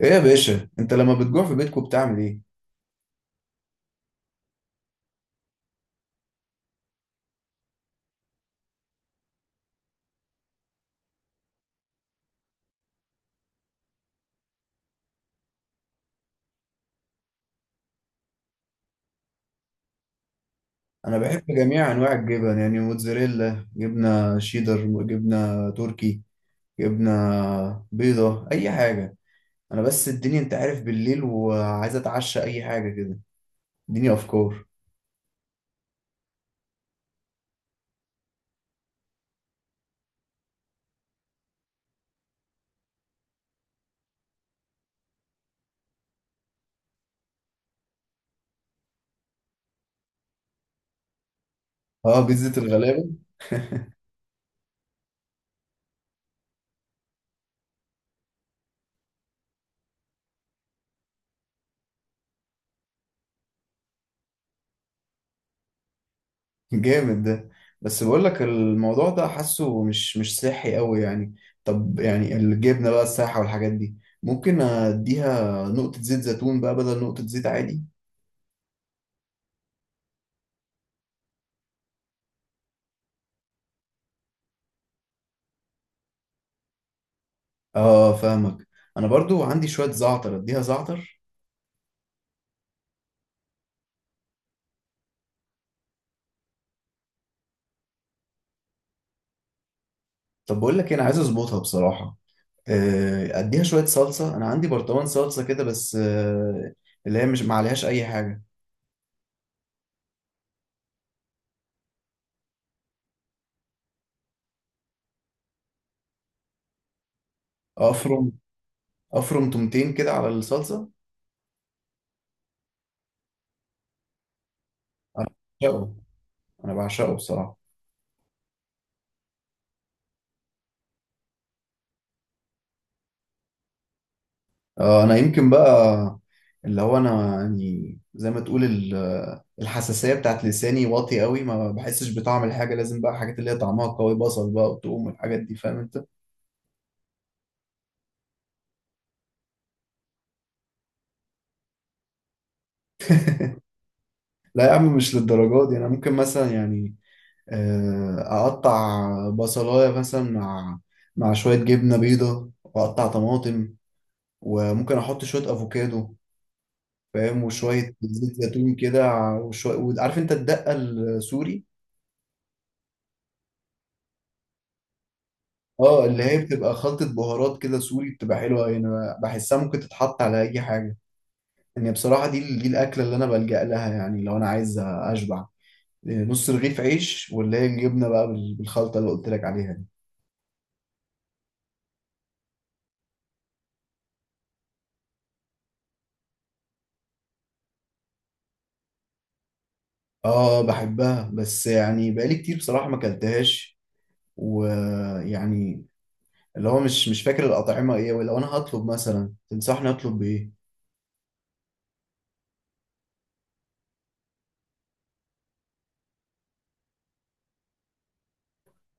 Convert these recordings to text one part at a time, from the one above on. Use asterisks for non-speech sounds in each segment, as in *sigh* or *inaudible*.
ايه يا باشا، انت لما بتجوع في بيتكم بتعمل ايه؟ انا بحب جميع انواع الجبن، يعني موتزاريلا، جبنه شيدر، جبنه تركي. جبنه بيضه، اي حاجه. انا بس الدنيا، انت عارف، بالليل وعايز اتعشى اي حاجه كده. اديني افكار. اه، بيتزا الغلابه. *laughs* جامد ده. بس بقول لك الموضوع ده حاسه مش صحي قوي، يعني. طب يعني الجبنه بقى السايحه والحاجات دي، ممكن اديها نقطه زيت زيتون بقى بدل نقطه زيت عادي؟ اه، فاهمك. انا برضو عندي شويه زعتر، اديها زعتر. طب بقول لك إيه، انا عايز اظبطها بصراحه. اديها شويه صلصه، انا عندي برطمان صلصه كده بس. اللي هي مش ما عليهاش اي حاجه. افرم افرم تومتين كده على الصلصه. انا بعشقه. انا بعشقه بصراحه. انا يمكن بقى، اللي هو انا يعني زي ما تقول الحساسيه بتاعت لساني واطي قوي، ما بحسش بطعم الحاجه، لازم بقى حاجات اللي هي طعمها قوي، بصل بقى وتقوم والحاجات دي، فاهم انت؟ لا يا عم، مش للدرجات دي، انا ممكن مثلا يعني، آه، اقطع بصلايه مثلا مع شويه جبنه بيضه واقطع طماطم، وممكن احط شويه افوكادو، فاهم، وشويه زيت زيتون كده، وشويه عارف انت الدقه السوري. اه، اللي هي بتبقى خلطه بهارات كده سوري، بتبقى حلوه، يعني انا بحسها ممكن تتحط على اي حاجه. يعني بصراحه، دي الاكله اللي انا بلجأ لها، يعني لو انا عايز اشبع، نص رغيف عيش، واللي هي الجبنه بقى بالخلطه اللي قلت لك عليها دي. اه، بحبها، بس يعني بقالي كتير بصراحة ما اكلتهاش. ويعني، اللي هو مش فاكر الأطعمة ايه، ولو انا هطلب مثلا تنصحني اطلب بايه؟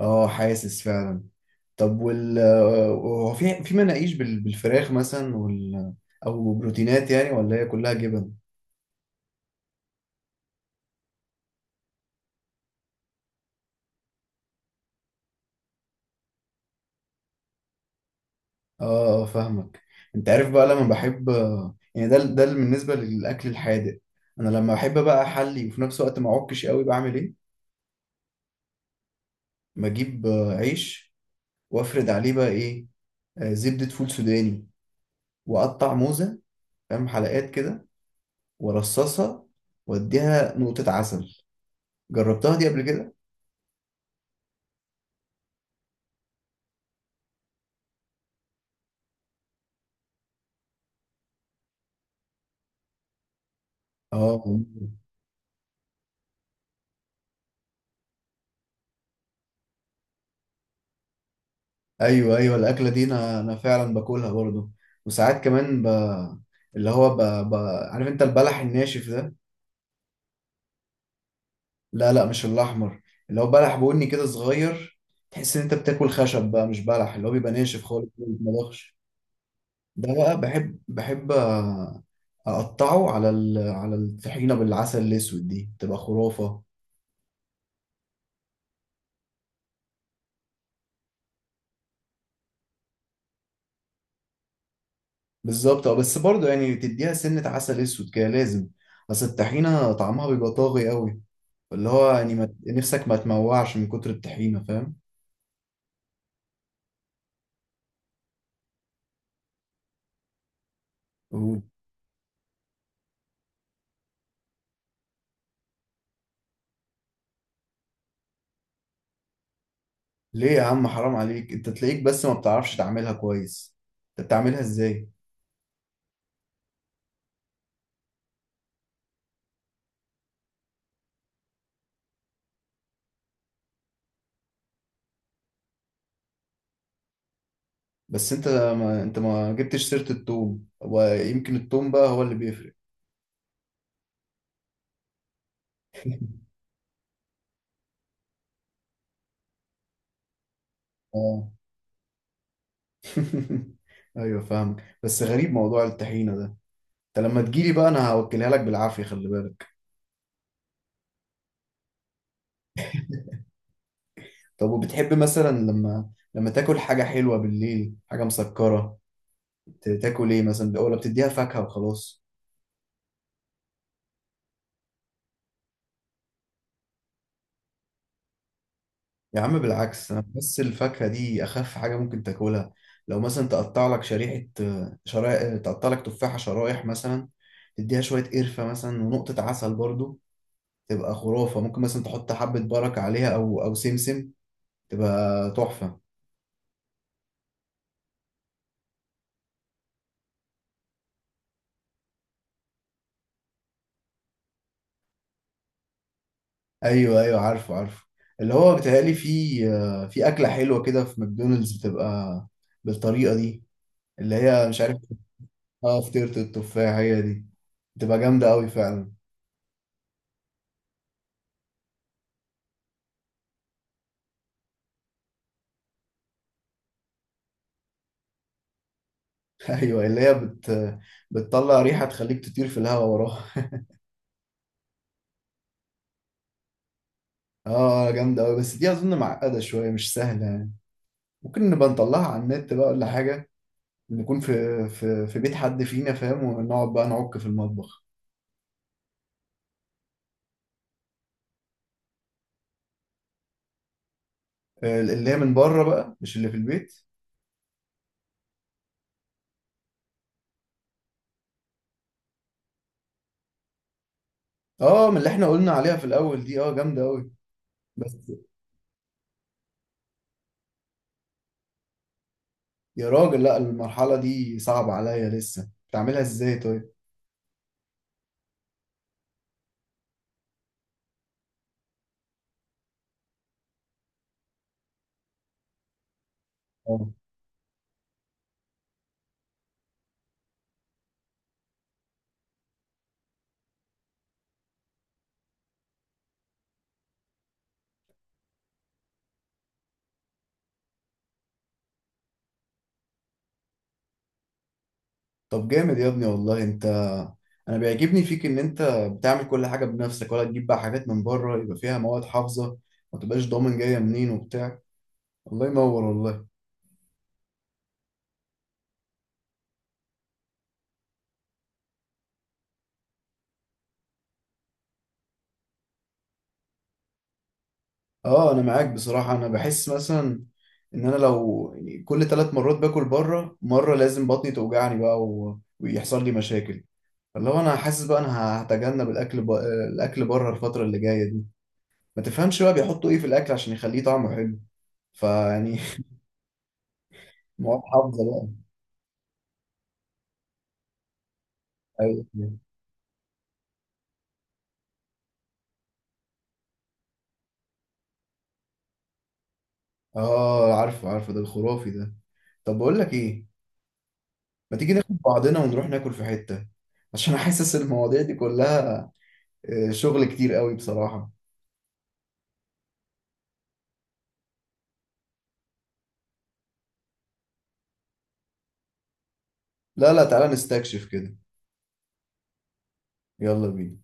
اه، حاسس فعلا. طب، وال آه، هو في مناقيش بالفراخ مثلا، او بروتينات يعني، ولا هي كلها جبن؟ اه، فاهمك. انت عارف بقى، لما بحب يعني، ده بالنسبة للأكل الحادق. انا لما بحب بقى احلي وفي نفس الوقت ما اعكش قوي، بعمل ايه؟ بجيب عيش، وافرد عليه بقى ايه، زبدة فول سوداني، وأقطع موزة، فاهم، حلقات كده، وأرصصها، وأديها نقطة عسل. جربتها دي قبل كده؟ اه، ممكن. أيوه، أيوه، الأكلة دي أنا فعلا باكلها برضه. وساعات كمان اللي هو ب... عارف أنت البلح الناشف ده؟ لا، لا، مش الأحمر. اللي هو بلح بني كده صغير، تحس إن أنت بتاكل خشب بقى، مش بلح، اللي هو بيبقى ناشف خالص ما بيتمضغش. ده بقى، بحب اقطعه على الطحينه بالعسل الاسود، دي تبقى خرافه. بالظبط، اه، بس برضه يعني تديها سنه عسل اسود كده لازم. بس الطحينه طعمها بيبقى طاغي قوي، اللي هو يعني ما... نفسك ما تموعش من كتر الطحينه، فاهم؟ و- ليه يا عم، حرام عليك، انت تلاقيك بس ما بتعرفش تعملها كويس. انت بتعملها ازاي؟ بس انت ما انت ما جبتش سيره التوم، ويمكن التوم بقى هو اللي بيفرق. اه. *laughs* ايوه، فاهمك، بس غريب موضوع الطحينه ده. انت لما تجيلي بقى انا هوكلها لك بالعافيه، خلي بالك. طب، وبتحب مثلا لما تاكل حاجه حلوه بالليل، حاجه مسكره، تاكل ايه مثلا، ولا بتديها فاكهه وخلاص؟ يا عم، بالعكس، انا بس الفاكهه دي اخف حاجه ممكن تاكلها. لو مثلا تقطع لك شريحه، شرايح، تقطع لك تفاحه شرايح مثلا، تديها شويه قرفه مثلا ونقطه عسل برضو، تبقى خرافه، ممكن مثلا تحط حبه بركه عليها او سمسم، تبقى تحفه. ايوه، ايوه، عارفه، عارفه، اللي هو بيتهيألي في اكله حلوه كده في ماكدونالدز، بتبقى بالطريقه دي، اللي هي مش عارف. اه، فطيره التفاح هي دي، بتبقى جامده قوي فعلا. *laughs* ايوه، اللي هي بتطلع ريحه تخليك تطير في الهواء وراها. اه، جامده قوي، بس دي اظن معقده شويه، مش سهله يعني. ممكن نبقى نطلعها على النت بقى ولا حاجه، نكون في بيت حد فينا، فاهم، ونقعد بقى نعك في المطبخ. اللي هي من بره بقى، مش اللي في البيت. اه، من اللي احنا قلنا عليها في الاول دي، اه جامده قوي. بس، يا راجل، لا، المرحله دي صعبه عليا لسه، بتعملها ازاي طيب؟ اه، طب جامد يا ابني والله، انت انا بيعجبني فيك ان انت بتعمل كل حاجه بنفسك، ولا تجيب بقى حاجات من بره يبقى فيها مواد حافظه، ما تبقاش ضامن جايه منين وبتاع. الله ينور والله. اه، انا معاك بصراحه، انا بحس مثلا ان انا لو يعني كل 3 مرات باكل بره مره لازم بطني توجعني بقى ويحصل لي مشاكل. اللي هو انا حاسس بقى انا هتجنب الاكل الاكل بره الفتره اللي جايه دي. ما تفهمش بقى بيحطوا ايه في الاكل عشان يخليه طعمه حلو، فيعني، *laughs* مواد حافظه بقى. ايوه. اه، عارفه، عارفه، ده الخرافي ده. طب بقول لك ايه، ما تيجي ناخد بعضنا ونروح ناكل في حته؟ عشان حاسس المواضيع دي كلها شغل كتير قوي بصراحه. لا، لا، تعالى نستكشف كده. يلا بينا.